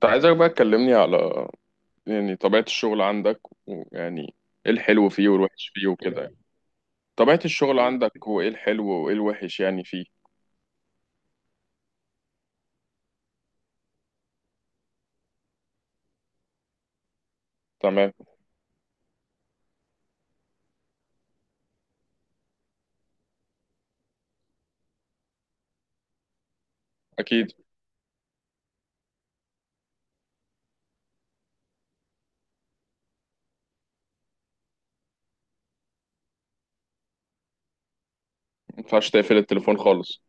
طب عايزك بقى تكلمني على يعني طبيعة الشغل عندك ويعني ايه الحلو فيه والوحش فيه وكده يعني. طبيعة الشغل عندك وايه الحلو وايه الوحش يعني فيه. تمام، اكيد ما ينفعش تقفل التليفون خالص.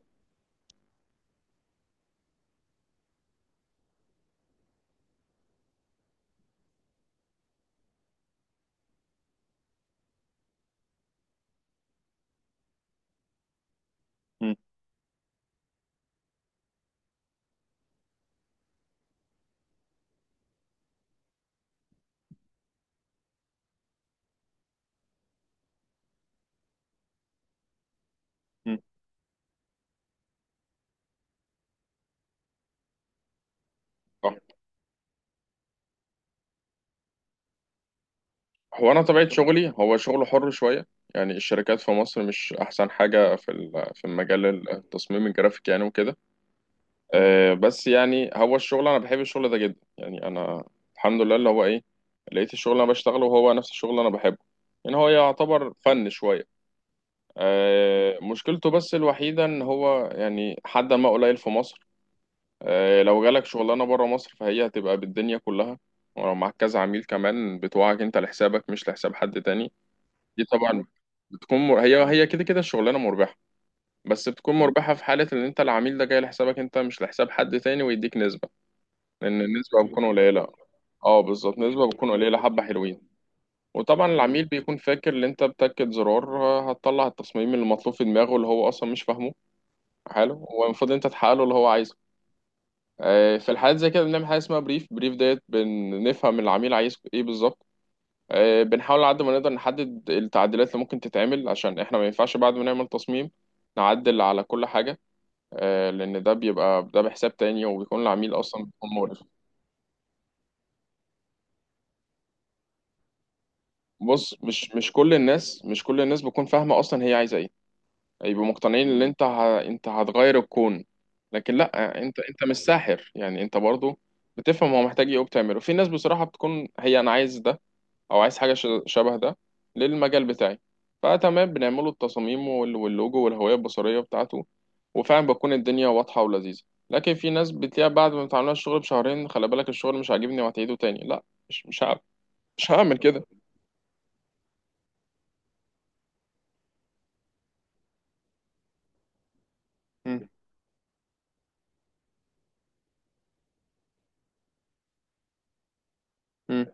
مم. مم. صح. هو انا طبيعة شغلي هو شغل حر شوية، يعني الشركات في مصر مش احسن حاجة في في مجال التصميم الجرافيك يعني وكده. بس يعني هو الشغل، انا بحب الشغل ده جدا، يعني انا الحمد لله اللي هو ايه لقيت الشغل اللي انا بشتغله وهو نفس الشغل اللي انا بحبه. يعني هو يعتبر فن شويه. مشكلته بس الوحيده ان هو يعني حد ما قليل في مصر. لو جالك شغلانه بره مصر فهي هتبقى بالدنيا كلها، ولو معاك كذا عميل كمان بتوعك انت لحسابك مش لحساب حد تاني. دي طبعا بتكون هي هي كده كده الشغلانه مربحه، بس بتكون مربحه في حاله ان انت العميل ده جاي لحسابك انت مش لحساب حد تاني ويديك نسبه. لأن النسبة بتكون قليلة. اه بالظبط، نسبة بتكون قليلة حبة حلوين. وطبعا العميل بيكون فاكر ان انت بتاكد زرار هتطلع التصميم اللي مطلوب في دماغه اللي هو اصلا مش فاهمه حاله، والمفروض انت تحقق له اللي هو عايزه. في الحالات زي كده بنعمل حاجة اسمها بريف، بريف ديت، بنفهم العميل عايز ايه بالظبط. بنحاول على قد ما نقدر نحدد التعديلات اللي ممكن تتعمل، عشان احنا ما ينفعش بعد ما نعمل تصميم نعدل على كل حاجة. لأن ده بيبقى بحساب تاني، وبيكون العميل أصلا بيكون مقرف. بص، مش كل الناس، مش كل الناس بتكون فاهمة أصلا هي عايزة إيه. يبقوا مقتنعين إن أنت هتغير الكون. لكن لأ، أنت مش ساحر، يعني أنت برضو بتفهم هو محتاج إيه وبتعمله. في ناس بصراحة بتكون هي أنا عايز ده، أو عايز حاجة شبه ده للمجال بتاعي. فتمام، بنعمله التصاميم واللوجو والهوية البصرية بتاعته، وفعلا بتكون الدنيا واضحة ولذيذة. لكن في ناس بتلاقيها بعد ما بتعملها الشغل بشهرين، خلي بالك، الشغل مش عاجبني وهتعيده تاني. لأ، مش هعمل، مش هعمل كده. مم. مم.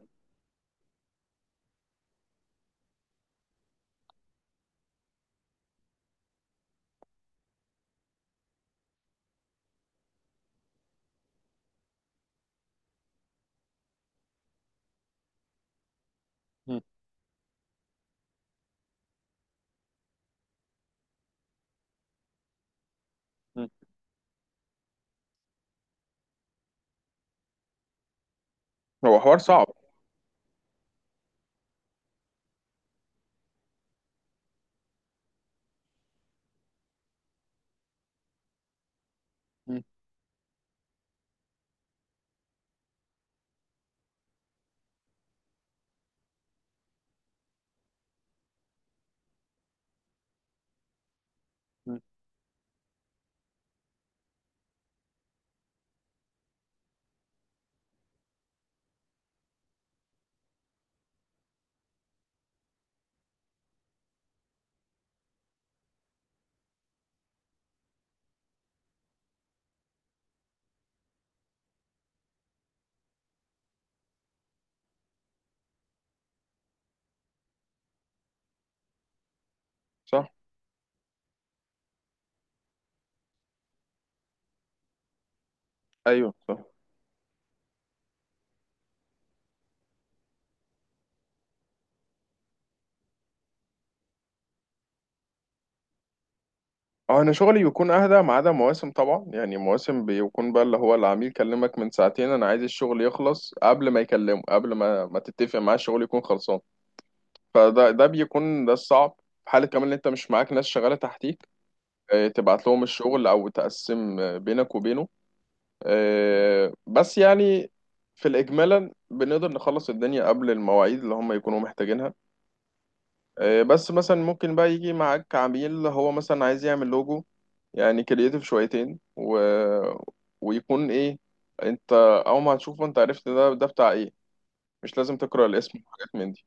مم. هو حوار صعب. مم. مم. صح. ايوه صح. اه انا شغلي بيكون اهدى، ما عدا مواسم طبعا، يعني مواسم بيكون بقى اللي هو العميل كلمك من ساعتين انا عايز الشغل يخلص قبل ما يكلمه، قبل ما تتفق معاه الشغل يكون خلصان. فده بيكون ده الصعب. في حالة كمان ان انت مش معاك ناس شغالة تحتيك، تبعت لهم الشغل او تقسم بينك وبينه. بس يعني في الاجمالا بنقدر نخلص الدنيا قبل المواعيد اللي هم يكونوا محتاجينها. بس مثلا ممكن بقى يجي معاك عميل هو مثلا عايز يعمل لوجو، يعني كرييتيف شويتين ويكون ايه، انت اول ما هتشوفه انت عرفت ده بتاع ايه، مش لازم تقرأ الاسم وحاجات من دي.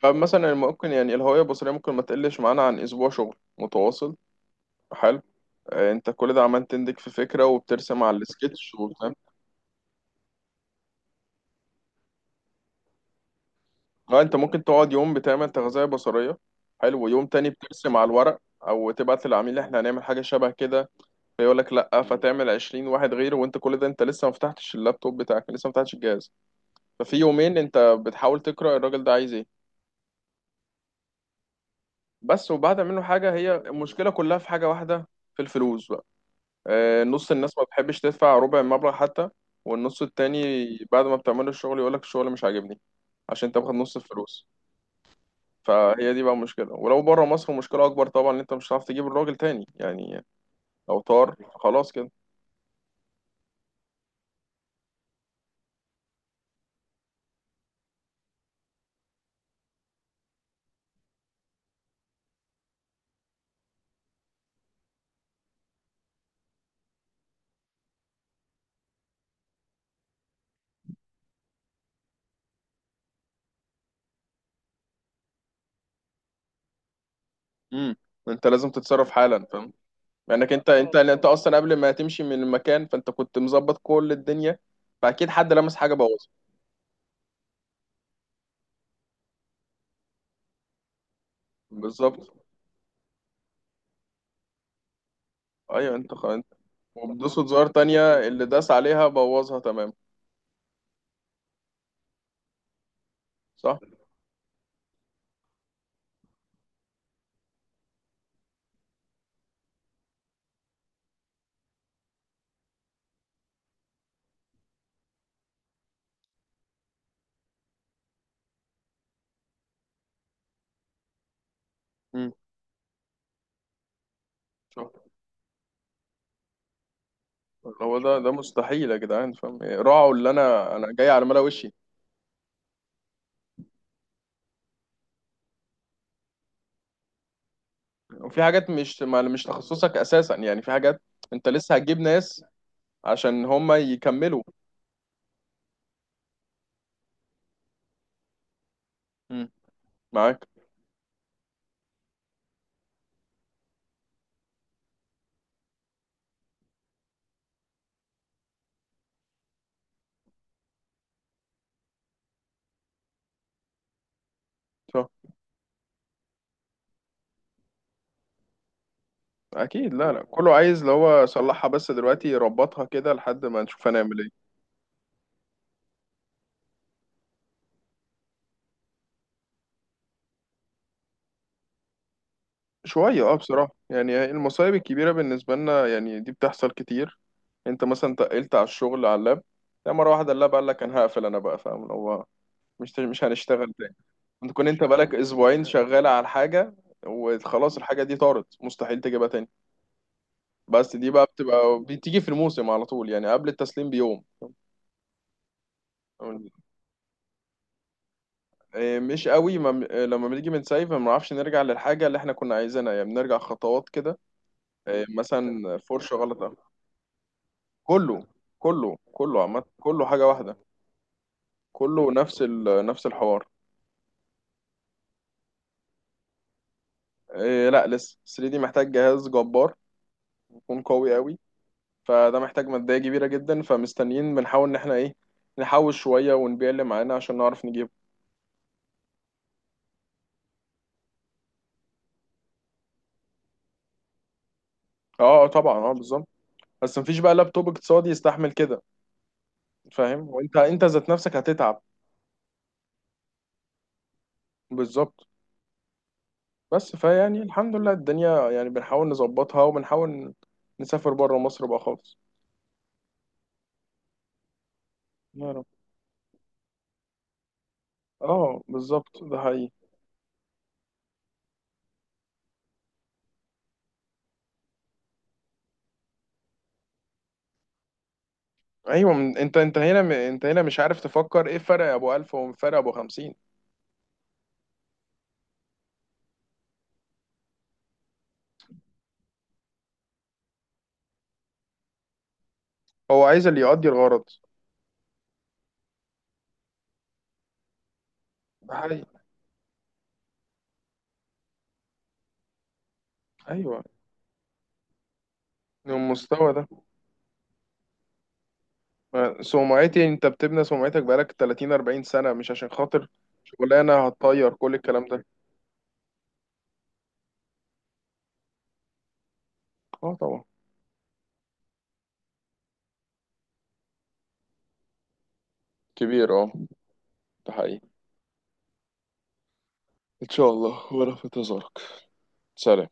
فمثلا ممكن، يعني الهوية البصرية ممكن ما تقلش معانا عن اسبوع شغل متواصل. حلو. انت كل ده عمال تندك في فكرة وبترسم على السكتش وبتاع. اه انت ممكن تقعد يوم بتعمل تغذية بصرية، حلو، ويوم تاني بترسم على الورق او تبعت للعميل احنا هنعمل حاجة شبه كده، يقول لك لا، فتعمل 20 واحد غيره، وانت كل ده انت لسه ما فتحتش اللابتوب بتاعك، لسه ما فتحتش الجهاز. ففي يومين انت بتحاول تقرا الراجل ده عايز ايه. بس وبعد منه حاجه، هي المشكله كلها في حاجه واحده، في الفلوس بقى. نص الناس ما بتحبش تدفع ربع المبلغ حتى، والنص التاني بعد ما بتعمل الشغل يقول لك الشغل مش عاجبني، عشان انت واخد نص الفلوس. فهي دي بقى المشكله، ولو بره مصر مشكله اكبر طبعا، ان انت مش هتعرف تجيب الراجل تاني يعني، لو طار خلاص كده. امم. انت لازم تتصرف حالا، فاهم؟ لانك انت اصلا قبل ما تمشي من المكان فانت كنت مظبط كل الدنيا، فاكيد حد لمس حاجه بوظها. بالظبط. ايوه انت وبدوسة زرار تانية اللي داس عليها بوظها. تمام. صح. امم. شوف، هو ده مستحيل يا جدعان، فاهم، راعوا اللي انا جاي على ملا وشي. وفي حاجات مش تخصصك اساسا، يعني في حاجات انت لسه هتجيب ناس عشان هم يكملوا. امم. معاك. صح. اكيد. لا لا، كله عايز اللي هو صلحها بس دلوقتي، ربطها كده لحد ما نشوف هنعمل ايه. شوية اه، بصراحة يعني المصايب الكبيرة بالنسبة لنا يعني دي بتحصل كتير. انت مثلا تقلت على الشغل على اللاب، لا مرة واحدة اللاب قال لك انا هقفل، انا بقى فاهم اللي هو مش هنشتغل تاني. انت بقالك اسبوعين شغال على حاجة، وخلاص الحاجة دي طارت، مستحيل تجيبها تاني. بس دي بقى بتبقى بتيجي في الموسم على طول، يعني قبل التسليم بيوم. إيه، مش قوي، ما إيه، لما بنيجي من سايف ما بنعرفش نرجع للحاجة اللي احنا كنا عايزينها، يعني بنرجع خطوات كده. إيه، مثلا فرشة غلط. كله، كله كله عامة كله حاجة واحدة، كله نفس نفس الحوار. إيه لا، لسه 3 دي محتاج جهاز جبار، يكون قوي قوي. فده محتاج مادية كبيرة جدا، فمستنيين بنحاول ان احنا ايه نحوش شوية ونبيع اللي معانا عشان نعرف نجيبه. اه طبعا، اه بالظبط. بس مفيش بقى لابتوب اقتصادي يستحمل كده، فاهم، وانت ذات نفسك هتتعب. بالظبط. بس فيعني الحمد لله الدنيا يعني بنحاول نظبطها، وبنحاول نسافر بره مصر بقى خالص. يا رب. اه بالظبط، ده حقيقي. انت هنا انت هنا مش عارف تفكر ايه، فرق ابو 1000 وفرق ابو 50. هو عايز اللي يقضي الغرض. ده حقيقي. ايوه المستوى ده، سمعتي انت بتبني سمعتك بقالك 30 40 سنه، مش عشان خاطر شغلانه هتطير كل الكلام ده. اه طبعا. كبير اه. ده حقيقي. ان شاء الله، ولا في انتظارك. سلام.